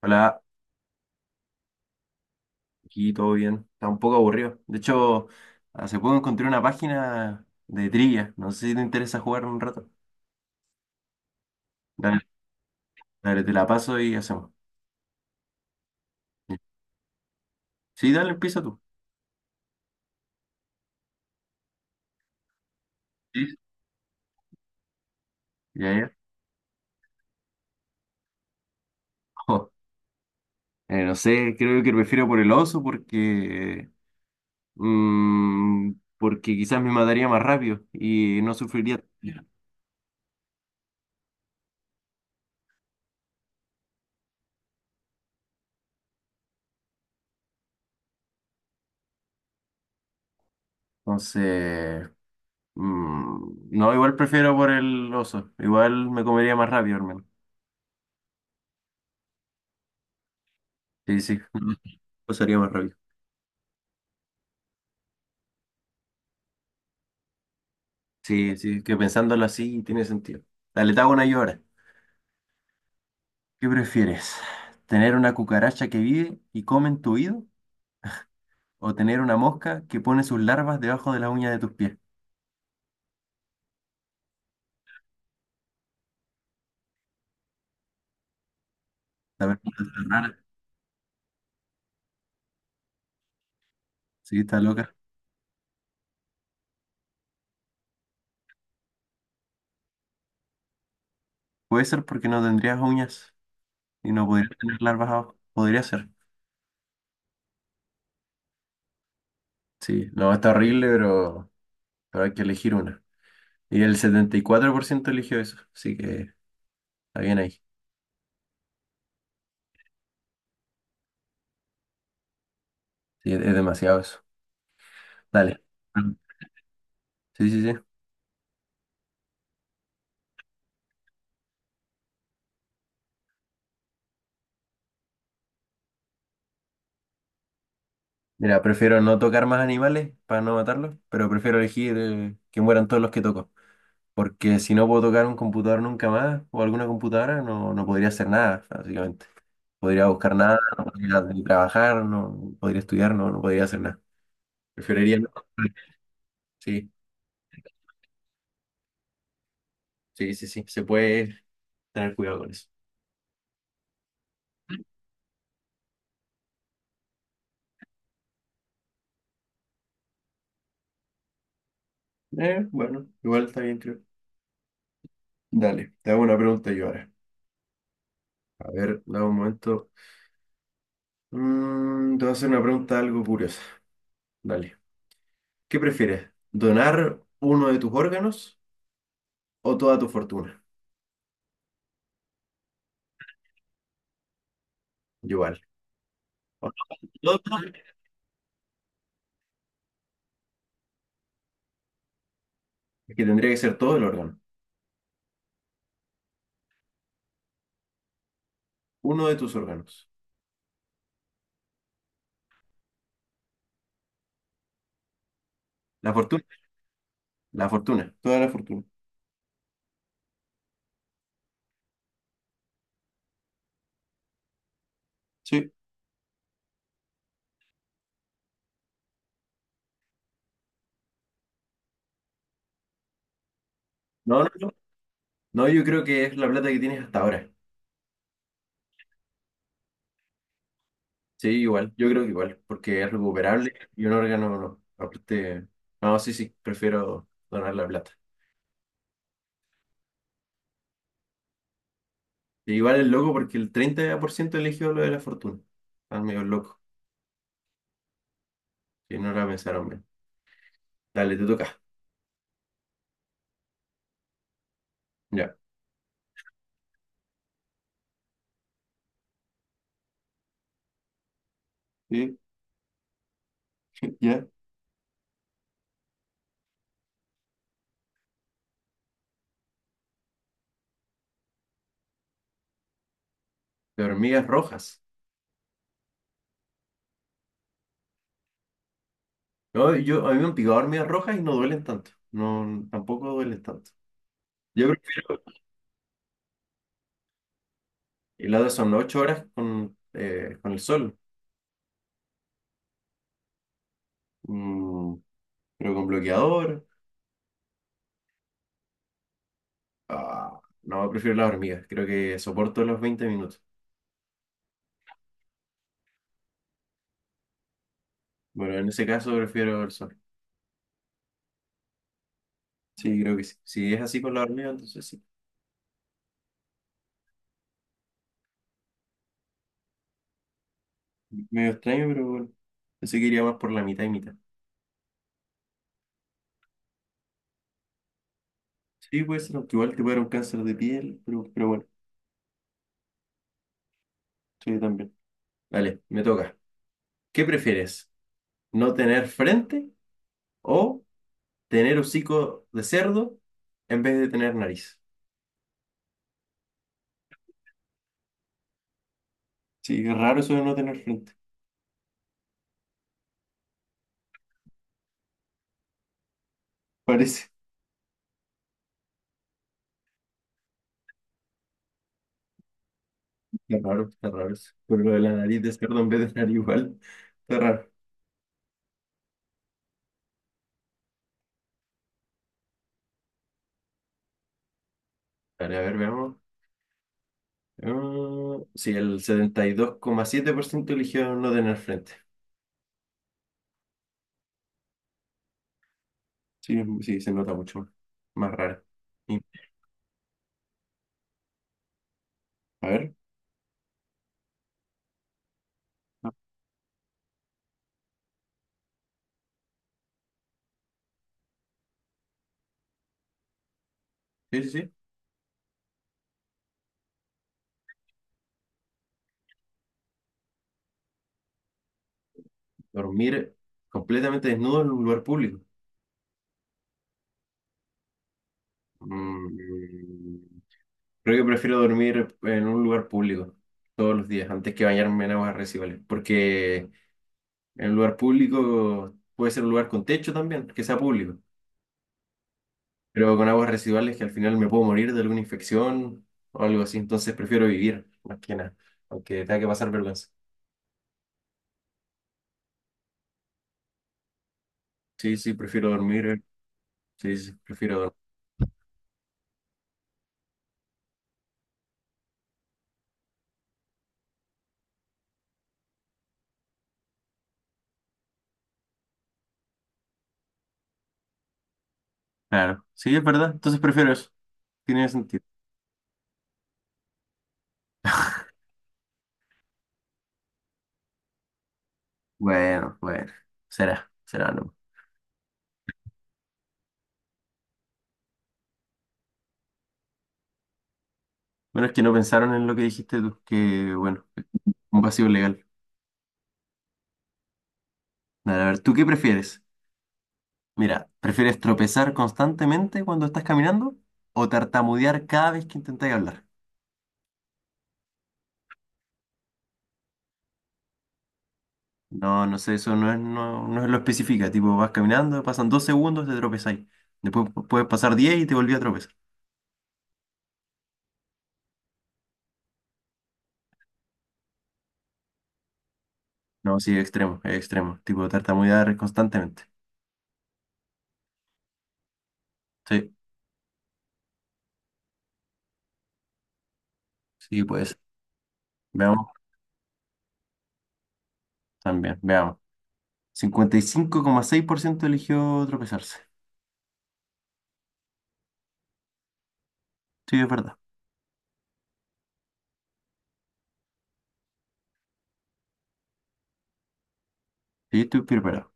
Hola, aquí todo bien. Está un poco aburrido. De hecho, hace poco encontré una página de trivia. No sé si te interesa jugar un rato. Dale, dale, te la paso y hacemos. Sí, dale, empieza tú. Sí. Ya, ya. No sé, creo que prefiero por el oso porque, porque quizás me mataría más rápido y no sufriría. Ya. Entonces, no, igual prefiero por el oso. Igual me comería más rápido, hermano. Sí, sí, pasaría más rápido. Sí, sí, que pensándolo así tiene sentido. Dale, te hago una yo ahora. ¿Qué prefieres? ¿Tener una cucaracha que vive y come en tu oído? ¿O tener una mosca que pone sus larvas debajo de las uñas de tus pies? A ver, está rara. Sí, está loca. Puede ser porque no tendrías uñas y no podrías tener larvas abajo. Podría ser. Sí, no, está horrible, pero hay que elegir una. Y el 74% eligió eso, así que está bien ahí. Sí, es demasiado eso. Dale. Sí, sí, sí. Mira, prefiero no tocar más animales para no matarlos, pero prefiero elegir que mueran todos los que toco. Porque si no puedo tocar un computador nunca más o alguna computadora, no, no podría hacer nada, básicamente. Podría buscar nada, no podría ni trabajar, no podría estudiar, no, no podría hacer nada. Preferiría no. Sí, sí, sí, sí. Se puede tener cuidado con eso. Bueno, igual está bien, creo. Dale, te hago una pregunta yo ahora. A ver, dame un momento. Te voy a hacer una pregunta algo curiosa. Dale. ¿Qué prefieres? ¿Donar uno de tus órganos o toda tu fortuna? Igual. O no, todo. Es que tendría que ser todo el órgano. Uno de tus órganos. La fortuna. La fortuna. Toda la fortuna. Sí. No, no, no. No, yo creo que es la plata que tienes hasta ahora. Sí, igual. Yo creo que igual. Porque es recuperable y un órgano no. Aparte. No, sí, sí. Prefiero donar la plata. E igual es loco porque el 30% eligió lo de la fortuna. Están medio loco. Que no la pensaron bien. Dale, te toca. Ya. Sí, ya. De hormigas rojas. No, yo, a mí me han picado hormigas rojas y no duelen tanto. No, tampoco duelen tanto. Yo prefiero, y la otras son 8 horas con el sol. Mm, pero con bloqueador. Ah, no, prefiero las hormigas. Creo que soporto los 20 minutos. Bueno, en ese caso prefiero el sol. Sí, creo que sí. Si es así con las hormigas, entonces sí. Medio extraño, pero bueno. Pensé que iría más por la mitad y mitad. Sí, puede ser, aunque igual te puede dar un cáncer de piel, pero bueno, sí, también. Vale, me toca. ¿Qué prefieres? ¿No tener frente o tener hocico de cerdo en vez de tener nariz? Sí, es raro eso de no tener frente. Parece. Qué raro, está raro eso. Pero lo de la nariz de cerdo en vez de nariz igual. Está raro. Vale, a ver, veamos. Ah, sí, el 72,7% eligió no tener frente. Sí, sí, se nota mucho más, más raro. Y, a ver. Ah, sí, sí, sí. Dormir completamente desnudo en un lugar público. Mm, Creo que prefiero dormir en un lugar público todos los días antes que bañarme en aguas residuales, porque en un lugar público puede ser un lugar con techo también, que sea público, pero con aguas residuales que al final me puedo morir de alguna infección o algo así, entonces prefiero vivir más que nada, aunque tenga que pasar vergüenza. Sí, sí, prefiero dormir, Sí, sí, prefiero dormir. Claro, sí, es verdad, entonces prefiero eso, tiene sentido. Bueno, bueno, será, será no. Bueno, es que no pensaron en lo que dijiste tú, que bueno, un vacío legal. Vale, a ver, ¿tú qué prefieres? Mira, ¿prefieres tropezar constantemente cuando estás caminando o tartamudear cada vez que intentas hablar? No, no sé, eso no es, no, no es lo especifica. Tipo, vas caminando, pasan 2 segundos, te tropezáis. Después puedes pasar 10 y te volví a tropezar. No, sí, es extremo, es extremo. Tipo, tartamudear constantemente. Sí, sí, pues. Veamos, también, veamos. 55,6% eligió tropezarse. Sí, es verdad. Sí, estoy preparado.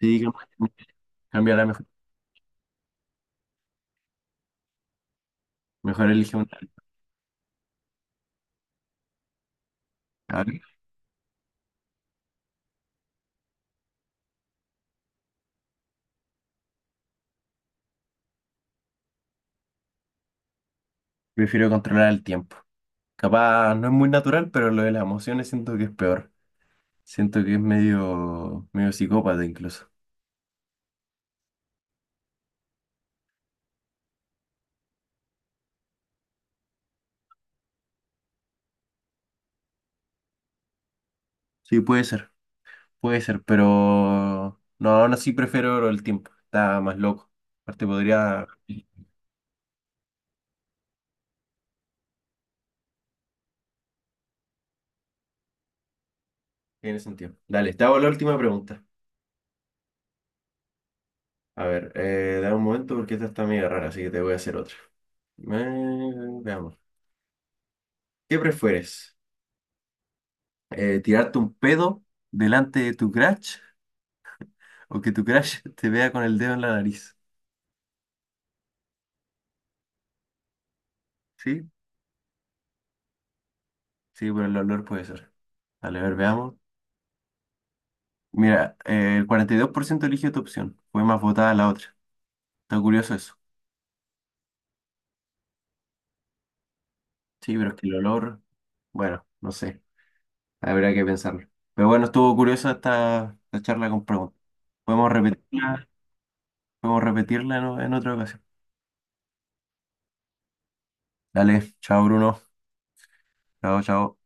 Sí, cambia la mejor. Mejor elige una. A ver. Prefiero controlar el tiempo. Capaz no es muy natural, pero lo de las emociones siento que es peor. Siento que es medio, medio psicópata incluso. Sí, puede ser, pero no, aún así prefiero lo del tiempo. Está más loco. Aparte podría... Tiene sentido. Dale, te hago la última pregunta. A ver, dame un momento porque esta está medio rara, así que te voy a hacer otra. Veamos. ¿Qué prefieres? ¿Tirarte un pedo delante de tu crush o que tu crush te vea con el dedo en la nariz? Sí. Sí, por el olor puede ser. Vale, a ver, veamos. Mira, el 42% eligió tu opción. Fue más votada la otra. Está curioso eso. Sí, pero es que el olor, bueno, no sé. Habrá que pensarlo. Pero bueno, estuvo curiosa esta, esta charla con preguntas. Podemos repetirla, podemos repetirla en otra ocasión. Dale, chao Bruno. Chao, chao.